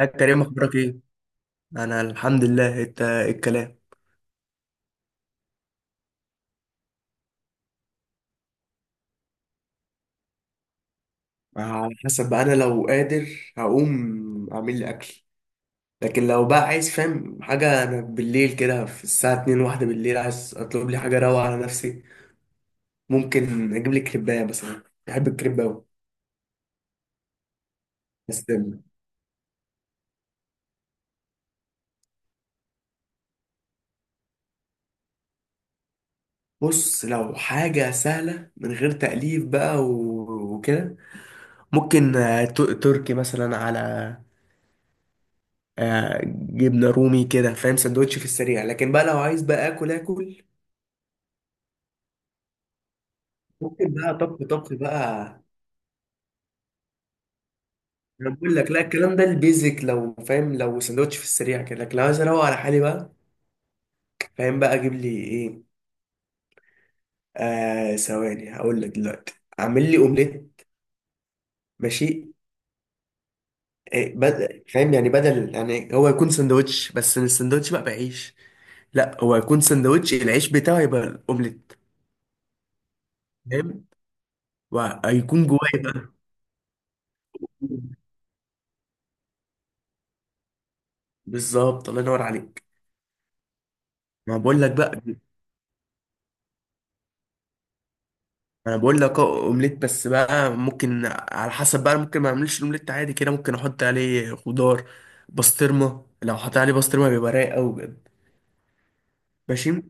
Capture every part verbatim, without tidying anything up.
يا كريم اخبارك ايه؟ انا الحمد لله. انت إيه الكلام؟ على حسب بقى، انا لو قادر هقوم اعمل لي اكل، لكن لو بقى عايز فاهم حاجه، انا بالليل كده في الساعه اثنين، واحدة بالليل، عايز اطلب لي حاجه روعه على نفسي. ممكن اجيب لي كريبايه مثلا، بحب الكريب قوي بس. بص، لو حاجه سهله من غير تأليف بقى و- وكده، ممكن آه، ت- تركي مثلا، على آه، جبنه رومي كده، فاهم، سندوتش في السريع، لكن بقى لو عايز بقى اكل اكل، ممكن بقى طبخ طبخ بقى. انا بقول لك لا، الكلام ده البيزك، لو فاهم، لو سندوتش في السريع كده، لكن لو عايز اروق على حالي بقى، فاهم، بقى اجيب لي ايه؟ آه، ثواني هقول لك دلوقتي. اعمل لي اومليت، ماشي. إيه بدل فاهم يعني، بدل يعني هو يكون سندوتش بس، السندوتش بقى بعيش، لا، هو يكون سندوتش العيش بتاعه يبقى الاومليت، فاهم، وهيكون جوايا بقى. بالظبط، الله ينور عليك، ما بقول لك بقى. انا بقول لك اه، اومليت بس بقى، ممكن على حسب بقى، ممكن ما اعملش الاومليت عادي كده، ممكن احط عليه خضار، بسطرمه. لو حطيت عليه بسطرمه بيبقى رايق قوي بجد، ماشي.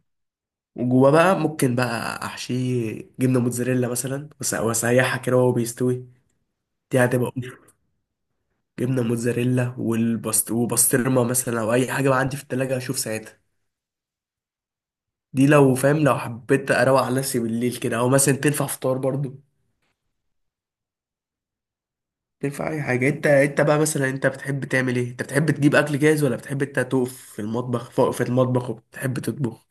وجواه بقى ممكن بقى احشيه جبنه موتزاريلا مثلا، وأس- واسيحها كده وهو بيستوي، دي هتبقى أوف. جبنه موتزاريلا والبسط وبسطرمه، مثلا، او اي حاجه بقى عندي في التلاجة اشوف ساعتها. دي لو فاهم، لو حبيت اروق على نفسي بالليل كده، او مثلا تنفع فطار برضو، تنفع اي حاجه. انت انت بقى مثلا، انت بتحب تعمل ايه؟ انت بتحب تجيب اكل جاهز ولا بتحب انت تقف في المطبخ، فوق في المطبخ، وبتحب تطبخ؟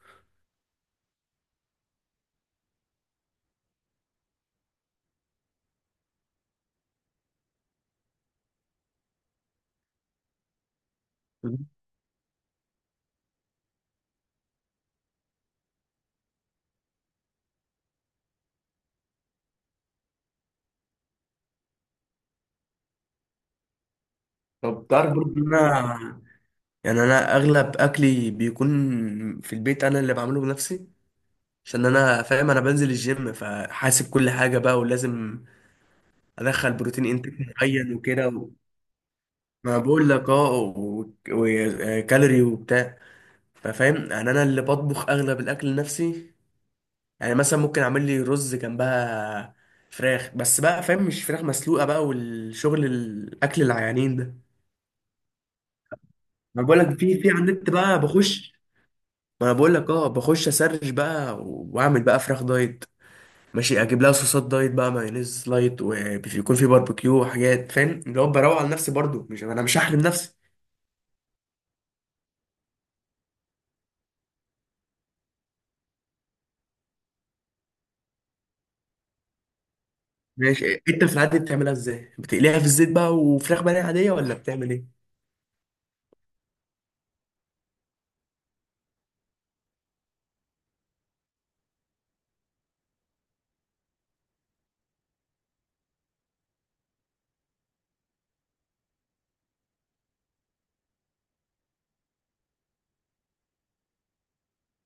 طب تعرف برضه ان انا يعني، انا اغلب اكلي بيكون في البيت انا اللي بعمله بنفسي، عشان انا فاهم، انا بنزل الجيم، فحاسب كل حاجه بقى، ولازم ادخل بروتين انتك معين وكده و... ما بقول لك اه، وكالوري و... و- آه، كالوري وبتاع. ففاهم يعني، انا اللي بطبخ اغلب الاكل لنفسي. يعني مثلا ممكن اعمل لي رز جنبها فراخ، بس بقى فاهم، مش فراخ مسلوقه بقى والشغل الاكل العيانين ده، ما بقول لك. في في على النت بقى بخش، ما انا بقول لك اه، بخش اسرش بقى، واعمل بقى فراخ دايت، ماشي، اجيب لها صوصات دايت بقى، مايونيز لايت، ويكون في باربيكيو وحاجات، فاهم، اللي هو بروق على نفسي برضو، مش انا مش هحرم نفسي. ماشي. انت في العادي بتعملها ازاي؟ بتقليها في الزيت بقى وفراخ بانيه عاديه، ولا بتعمل ايه؟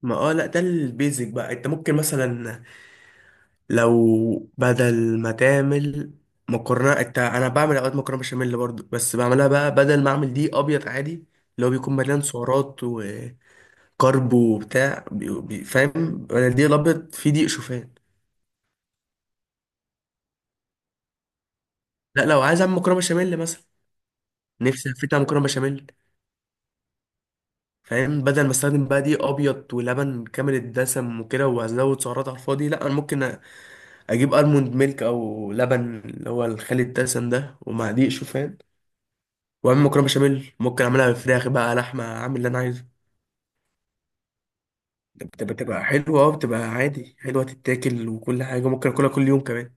ما اه، لا ده البيزك بقى. انت ممكن مثلا، لو بدل ما تعمل مكرونه، انت انا بعمل اوقات مكرونه بشاميل برضو، بس بعملها بقى، بدل ما اعمل دي ابيض عادي، اللي هو بيكون مليان سعرات وكرب وبتاع، بي- بي- فاهم، انا الدقيق الابيض فيه دقيق شوفان. لا، لو عايز اعمل مكرونه بشاميل مثلا، نفسي هفتها على مكرونه بشاميل، فاهم، بدل ما استخدم بقى دقيق ابيض ولبن كامل الدسم وكده، وازود سعرات على الفاضي، لا انا ممكن اجيب الموند ميلك، او لبن اللي هو الخالي الدسم ده، ومع دقيق شوفان، واعمل مكرونه بشاميل. ممكن اعملها بالفراخ بقى، لحمه، اعمل اللي انا عايزه. بتبقى بتبقى حلوه اه، بتبقى عادي حلوه تتاكل، وكل حاجه، ممكن اكلها كل يوم كمان.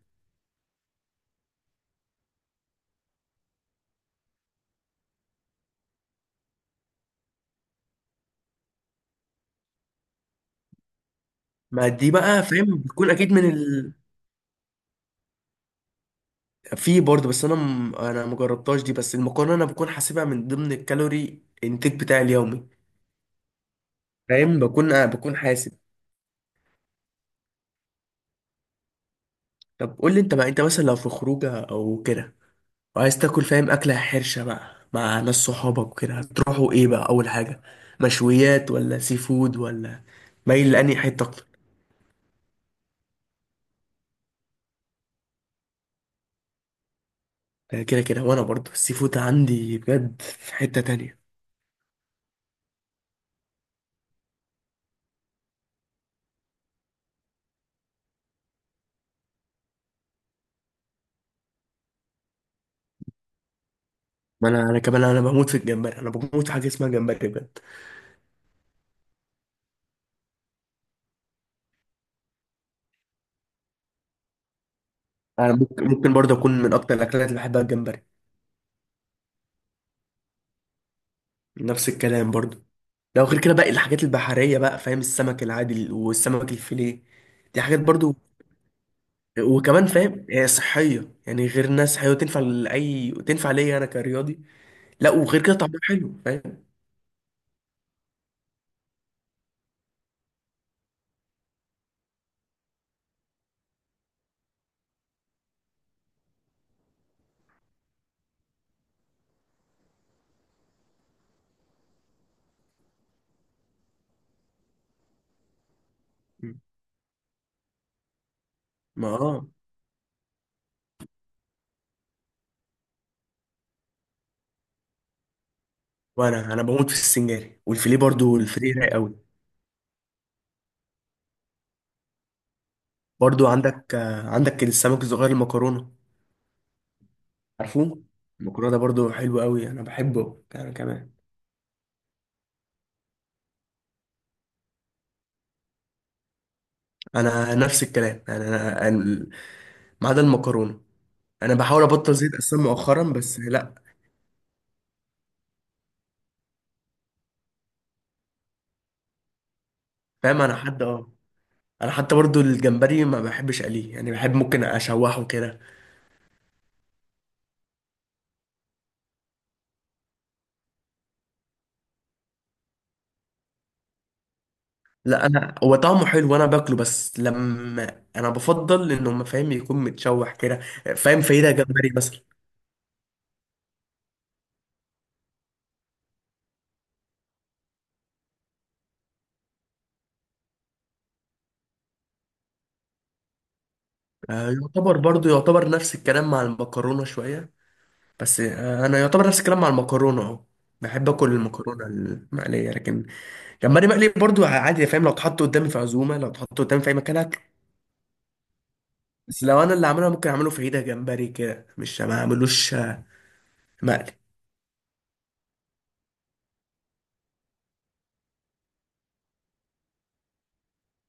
ما دي بقى فاهم، بتكون اكيد من ال... في برضه، بس انا م... انا مجربتهاش دي، بس المكرونه انا بكون حاسبها من ضمن الكالوري انتاج بتاعي اليومي، فاهم، بكون آه بكون حاسب. طب قول لي انت بقى، انت مثلا لو في خروجه او كده، وعايز تاكل فاهم اكله حرشه بقى مع ناس صحابك وكده، هتروحوا ايه بقى اول حاجه؟ مشويات ولا سي فود ولا؟ مايل لأنهي حته؟ آه، كده كده، وانا برضه السي فود عندي بجد في حتة تانية. ما انا انا كمان انا بموت في الجمبري، انا بموت في حاجة اسمها جمبري بجد. انا ممكن ممكن برضه اكون من اكتر الاكلات اللي بحبها الجمبري، نفس الكلام برضه. لو غير كده باقي الحاجات البحرية بقى، فاهم، السمك العادي والسمك الفيليه، دي حاجات برضه. وكمان فاهم، هي صحية يعني، غير ناس صحية وتنفع لأي، تنفع ليا أنا كرياضي. لا وغير كده طعمها حلو، فاهم، ما اه. وانا انا بموت في السنجاري والفيليه برضه، الفيليه رايق قوي. برضو عندك آه، عندك السمك الصغير المكرونه، عارفوه، المكرونه ده برضو حلو قوي، انا بحبه انا كمان. انا نفس الكلام يعني، انا أنا- ما عدا المكرونه، انا بحاول ابطل زيت اصلا مؤخرا، بس لا فاهم، انا حد اه، انا حتى برضو الجمبري ما بحبش اقليه، يعني بحب ممكن اشوحه كده. لا انا هو طعمه حلو وانا باكله، بس لما انا بفضل انه ما فاهم يكون متشوح كده، فاهم، فايدة جمبري مثلا. آه، يعتبر برضو، يعتبر نفس الكلام مع المكرونة شوية بس. آه، انا يعتبر نفس الكلام مع المكرونه اهو، بحب اكل المكرونه المقليه، لكن جمبري مقلي برضو عادي، فاهم، لو اتحط قدامي في عزومه، لو اتحط قدامي في اي مكان اكل. بس لو انا اللي عاملها ممكن اعمله في عيده جمبري كده، مش ما اعملوش آه، مقلي.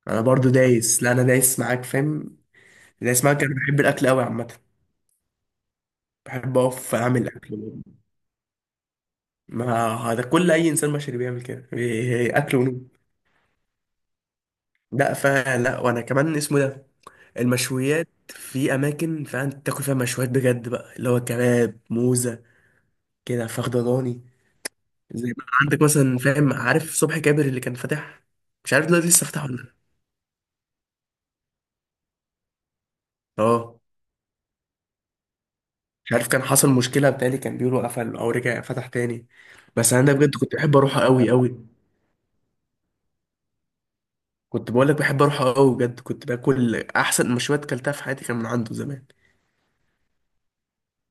انا برضو دايس، لا انا دايس معاك، فاهم، دايس معاك. انا بحب الاكل قوي عامه، بحب اقف اعمل اكل. ما هذا كل اي انسان بشري بيعمل كده، بي- اكل ونوم. لا فلا، وانا كمان اسمه ده. المشويات في اماكن فعلا تاكل فيها مشويات بجد بقى، اللي هو كباب موزه كده، فخد ضاني. زي ما عندك مثلا، فاهم، عارف صبحي كابر اللي كان فاتح؟ مش عارف دلوقتي لسه فتح ولا لأ. اه مش عارف، كان حصل مشكله بتاعي، كان بيقولوا قفل او رجع فتح تاني، بس انا ده بجد كنت بحب اروحه قوي قوي. كنت بقول لك، بحب اروحه قوي بجد، كنت باكل احسن مشويات كلتها في حياتي كان من عنده زمان.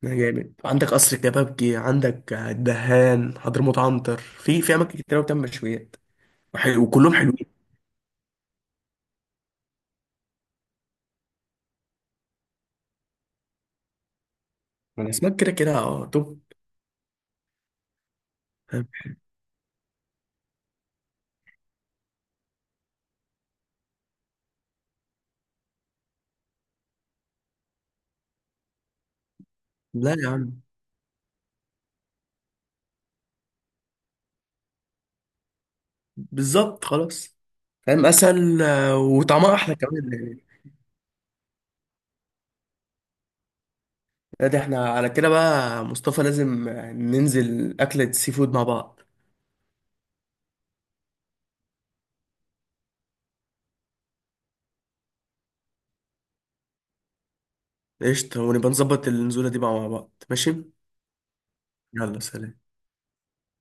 ده جامد. عندك قصر الكبابجي، عندك الدهان، حضرموت، عنتر، في في اماكن كتير أوي بتعمل مشويات وحلو- وكلهم حلوين. الاسماك كده كده اه، توب، فاهم؟ لا يا عم، بالظبط، خلاص، فاهم، اسهل، آه، وطعمها احلى كمان يعني. لا ده احنا على كده بقى مصطفى، لازم آه، ننزل اكلة سي فود مع بعض. قشطة، ونبقى نظبط النزولة دي بقى مع بعض، ماشي، يلا سلام.